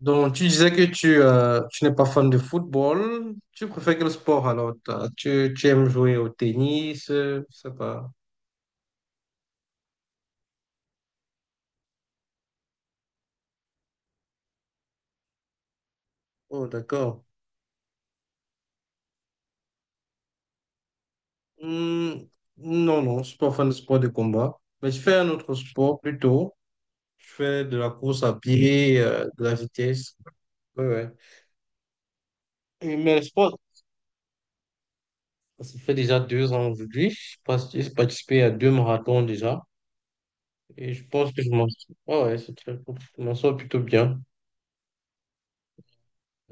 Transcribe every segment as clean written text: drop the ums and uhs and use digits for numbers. Donc, tu disais que tu n'es pas fan de football. Tu préfères quel sport alors? Tu aimes jouer au tennis? Je sais pas. Oh, d'accord. Hmm, non, non, je suis pas fan de sport de combat. Mais je fais un autre sport plutôt. Je fais de la course à pied, de la vitesse. Ouais, ouais. Et mais le sport, ça fait déjà 2 ans aujourd'hui. J'ai participé à 2 marathons déjà. Et je pense que je m'en sors. Ouais, ouais, c'est très cool. Je m'en sors plutôt bien.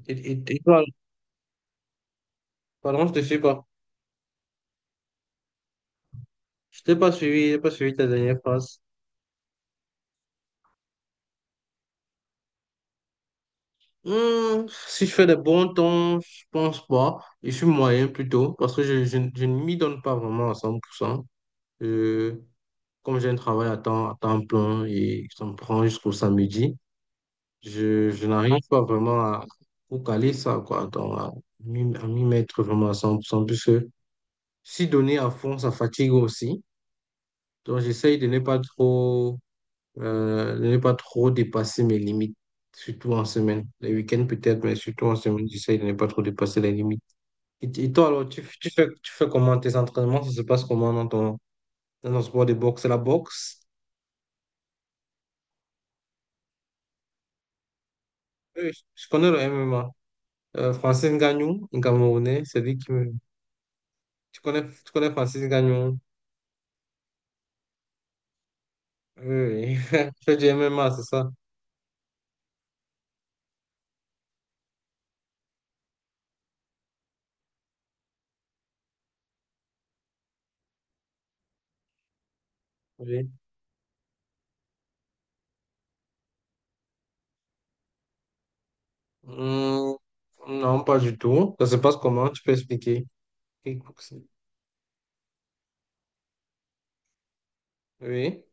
Et toi, pardon, je te suis pas. Je t'ai pas suivi, j'ai pas suivi ta dernière phrase. Hmm, si je fais des bons temps, je pense pas. Je suis moyen plutôt, parce que je ne m'y donne pas vraiment à 100%. Euh, Comme j'ai un travail à temps plein et ça me prend jusqu'au samedi, je n'arrive pas vraiment à caler ça, quoi, à m'y mettre vraiment à 100%, puisque si donner à fond, ça fatigue aussi. Donc j'essaye de ne pas trop de ne pas trop dépassé mes limites, surtout en semaine. Les week-ends peut-être, mais surtout en semaine, j'essaie de ne pas trop dépasser les limites. Et toi, alors, tu fais comment tes entraînements? Ça se passe comment dans dans ton sport de boxe? C'est la boxe? Oui, je connais le MMA. Francis Ngannou, un Camerounais, c'est lui qui me... tu connais Francis Ngannou? Oui, oui. Je fais du MMA, c'est ça? Oui. Hum, non, pas du tout. Ça se passe comment? Tu peux expliquer? Kickboxing. Oui,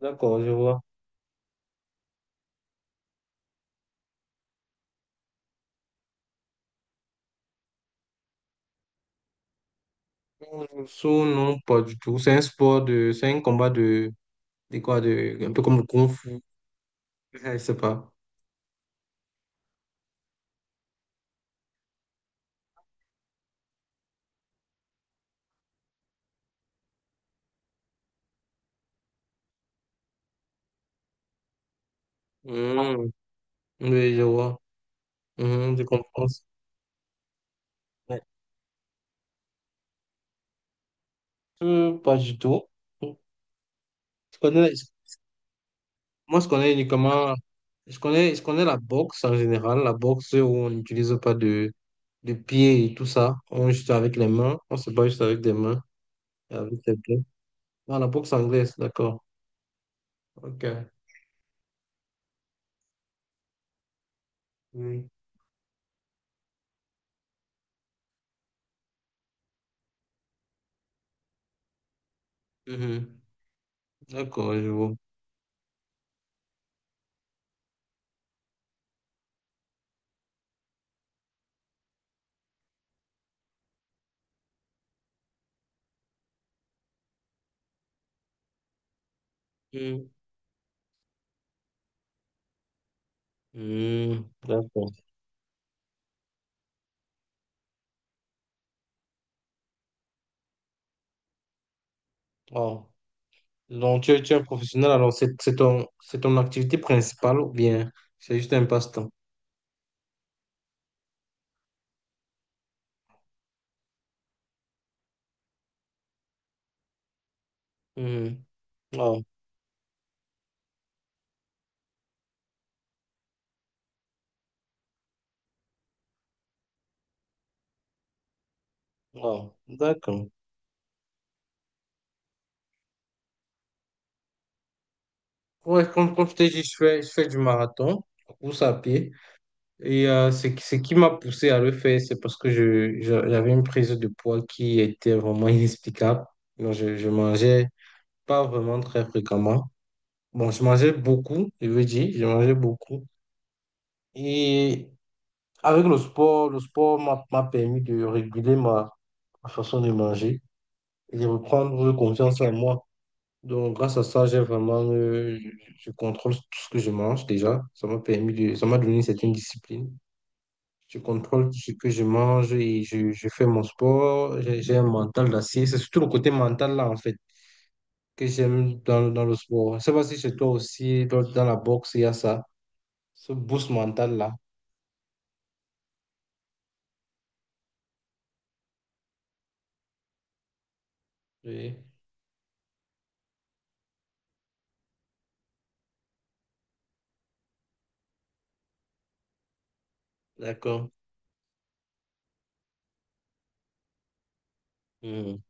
d'accord, je vois. Saut, non, pas du tout. C'est un sport de. C'est un combat de. De quoi de, un peu comme le Kung Fu. Ah, je sais pas. Mmh, oui, je vois. Mmh, je comprends. Ouais. Pas du tout. Je connais, je- moi, je connais uniquement. Je connais la boxe en général. La boxe où on n'utilise pas de, de pieds et tout ça. On est juste avec les mains. On se bat juste avec des mains et avec les pieds. Ah, la boxe anglaise, d'accord. Ok. Oui. Mhm. D'accord, je vois. Mmh. Mmh, d'accord. Oh. Donc, tu es professionnel, alors c'est c'est ton activité principale ou bien c'est juste un passe-temps? Mhm. Oh, oh, d'accord. Ouais, comme je t'ai dit, je fais du marathon, course à pied. Et ce qui m'a poussé à le faire, c'est parce que j'avais une prise de poids qui était vraiment inexplicable. Donc, je mangeais pas vraiment très fréquemment. Bon, je mangeais beaucoup, je veux dire, je mangeais beaucoup. Et avec le sport m'a permis de réguler ma façon de manger et de reprendre confiance en moi. Donc, grâce à ça, j'ai vraiment, je contrôle tout ce que je mange déjà. Ça m'a permis de, ça m'a donné une certaine discipline. Je contrôle tout ce que je mange et je fais mon sport. J'ai un mental d'acier. C'est surtout le côté mental là, en fait, que j'aime dans, dans le sport. Je ne sais pas si chez toi aussi, dans, dans la boxe, il y a ça, ce boost mental là. Oui, d'accord. Mhm.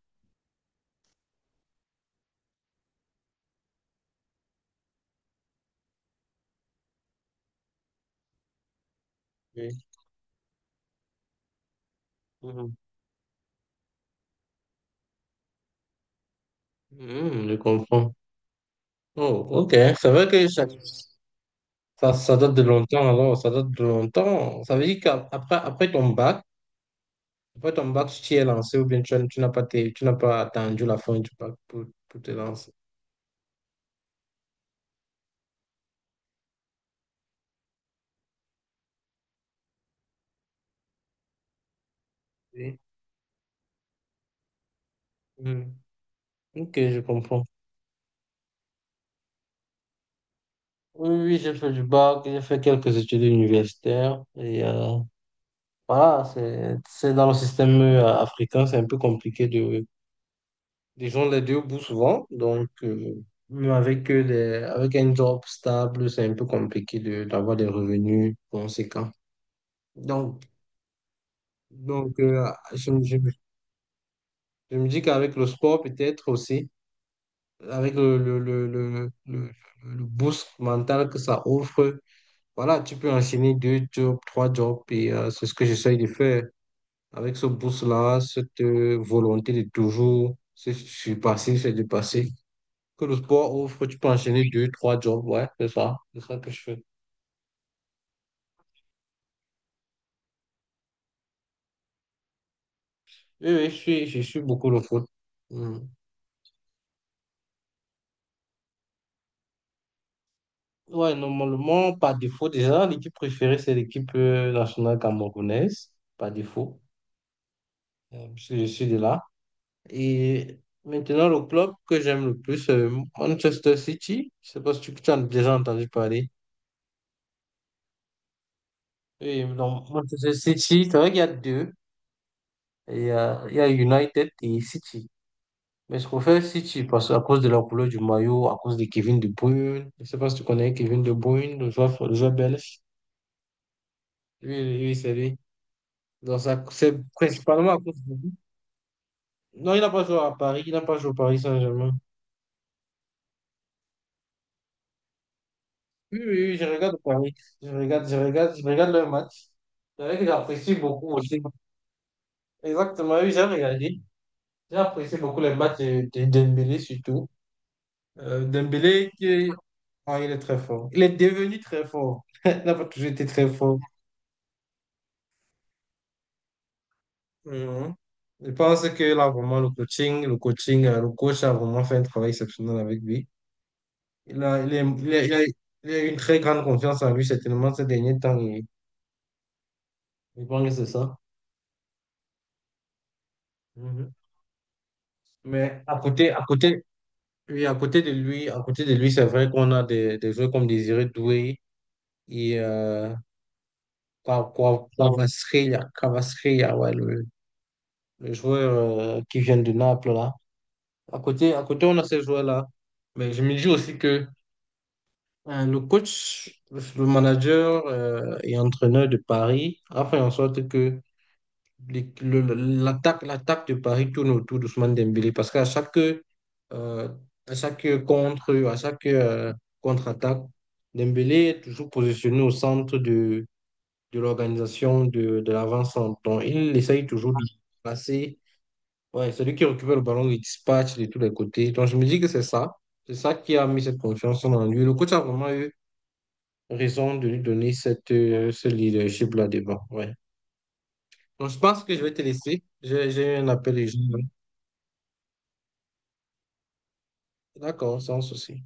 Oui. Mhm. Hmm, je comprends. Oh, ok. C'est vrai que ça date de longtemps, alors. Ça date de longtemps. Ça veut dire qu'après après ton bac, tu t'es lancé ou bien tu n'as pas attendu la fin du bac pour te lancer. Oui. Hmm. Ok, je comprends. Oui, oui, oui, j'ai fait du bac, j'ai fait quelques études universitaires. Et voilà, c'est dans le système africain, c'est un peu compliqué de. Ils ont les deux bouts souvent, donc mais avec un job stable, c'est un peu d'avoir des revenus conséquents. Donc, donc je, me je me- je me dis qu'avec le sport, peut-être aussi, avec le boost mental que ça offre, voilà, tu peux enchaîner 2 jobs, 3 jobs, et c'est ce que j'essaye de faire. Avec ce boost-là, cette volonté de toujours se surpasser, se dépasser. Que le sport offre, tu peux enchaîner 2, 3 jobs, ouais, c'est ça que je fais. Oui, oui, je suis beaucoup le foot. Hmm. Ouais, normalement, par défaut, déjà, l'équipe préférée, c'est l'équipe nationale camerounaise, par défaut, parce que je suis de là. Et maintenant, le club que j'aime le plus, c'est Manchester City. Je sais pas si tu as déjà entendu parler. Oui, donc Manchester City, c'est vrai qu'il y a deux. Il y a United et City. Mais ce qu'on fait, si tu passes à cause de la couleur du maillot, à cause de Kevin De Bruyne, je ne sais pas si tu connais Kevin De Bruyne, le joueur belge. Oui, oui c'est lui. Donc, ça, c'est principalement à cause de lui. Non, il n'a pas joué à Paris, il n'a pas joué au Paris Saint-Germain. Oui, oui, oui, je regarde Paris. Je regarde le match. C'est vrai que j'apprécie beaucoup aussi. Exactement, oui, j'ai regardé. J'ai apprécié beaucoup les matchs de Dembélé surtout. Dembélé, qui... Ah, il est très fort. Il est devenu très fort. Il n'a pas toujours été très fort. Mhm. Je pense que là, vraiment, le coach a vraiment fait un travail exceptionnel avec lui. Il a, il est- il est- il a une très grande confiance en lui, certainement, ces derniers temps. Et, je pense que c'est ça. Mhm. Mais à côté, oui, à côté de lui, à côté de lui, c'est vrai qu'on a des joueurs comme Désiré Doué et Kwavaskhlia, ouais, le joueur qui vient de Naples, là. On a ces joueurs-là. Mais je me dis aussi que le coach, le manager et entraîneur de Paris a fait en sorte que l'attaque de Paris tourne autour d'Ousmane Dembélé parce qu'à chaque contre, à chaque contre-attaque, Dembélé est toujours positionné au centre de l'organisation de l'avant-centre. Donc, il essaye toujours de passer. Ouais, c'est lui qui récupère le ballon, il dispatche de tous les côtés. Donc, je me dis que c'est ça. C'est ça qui a mis cette confiance en lui. Le coach a vraiment eu raison de lui donner cette, ce leadership-là devant. Ouais. Donc, je pense que je vais te laisser. J'ai eu un appel. D'accord, sans souci.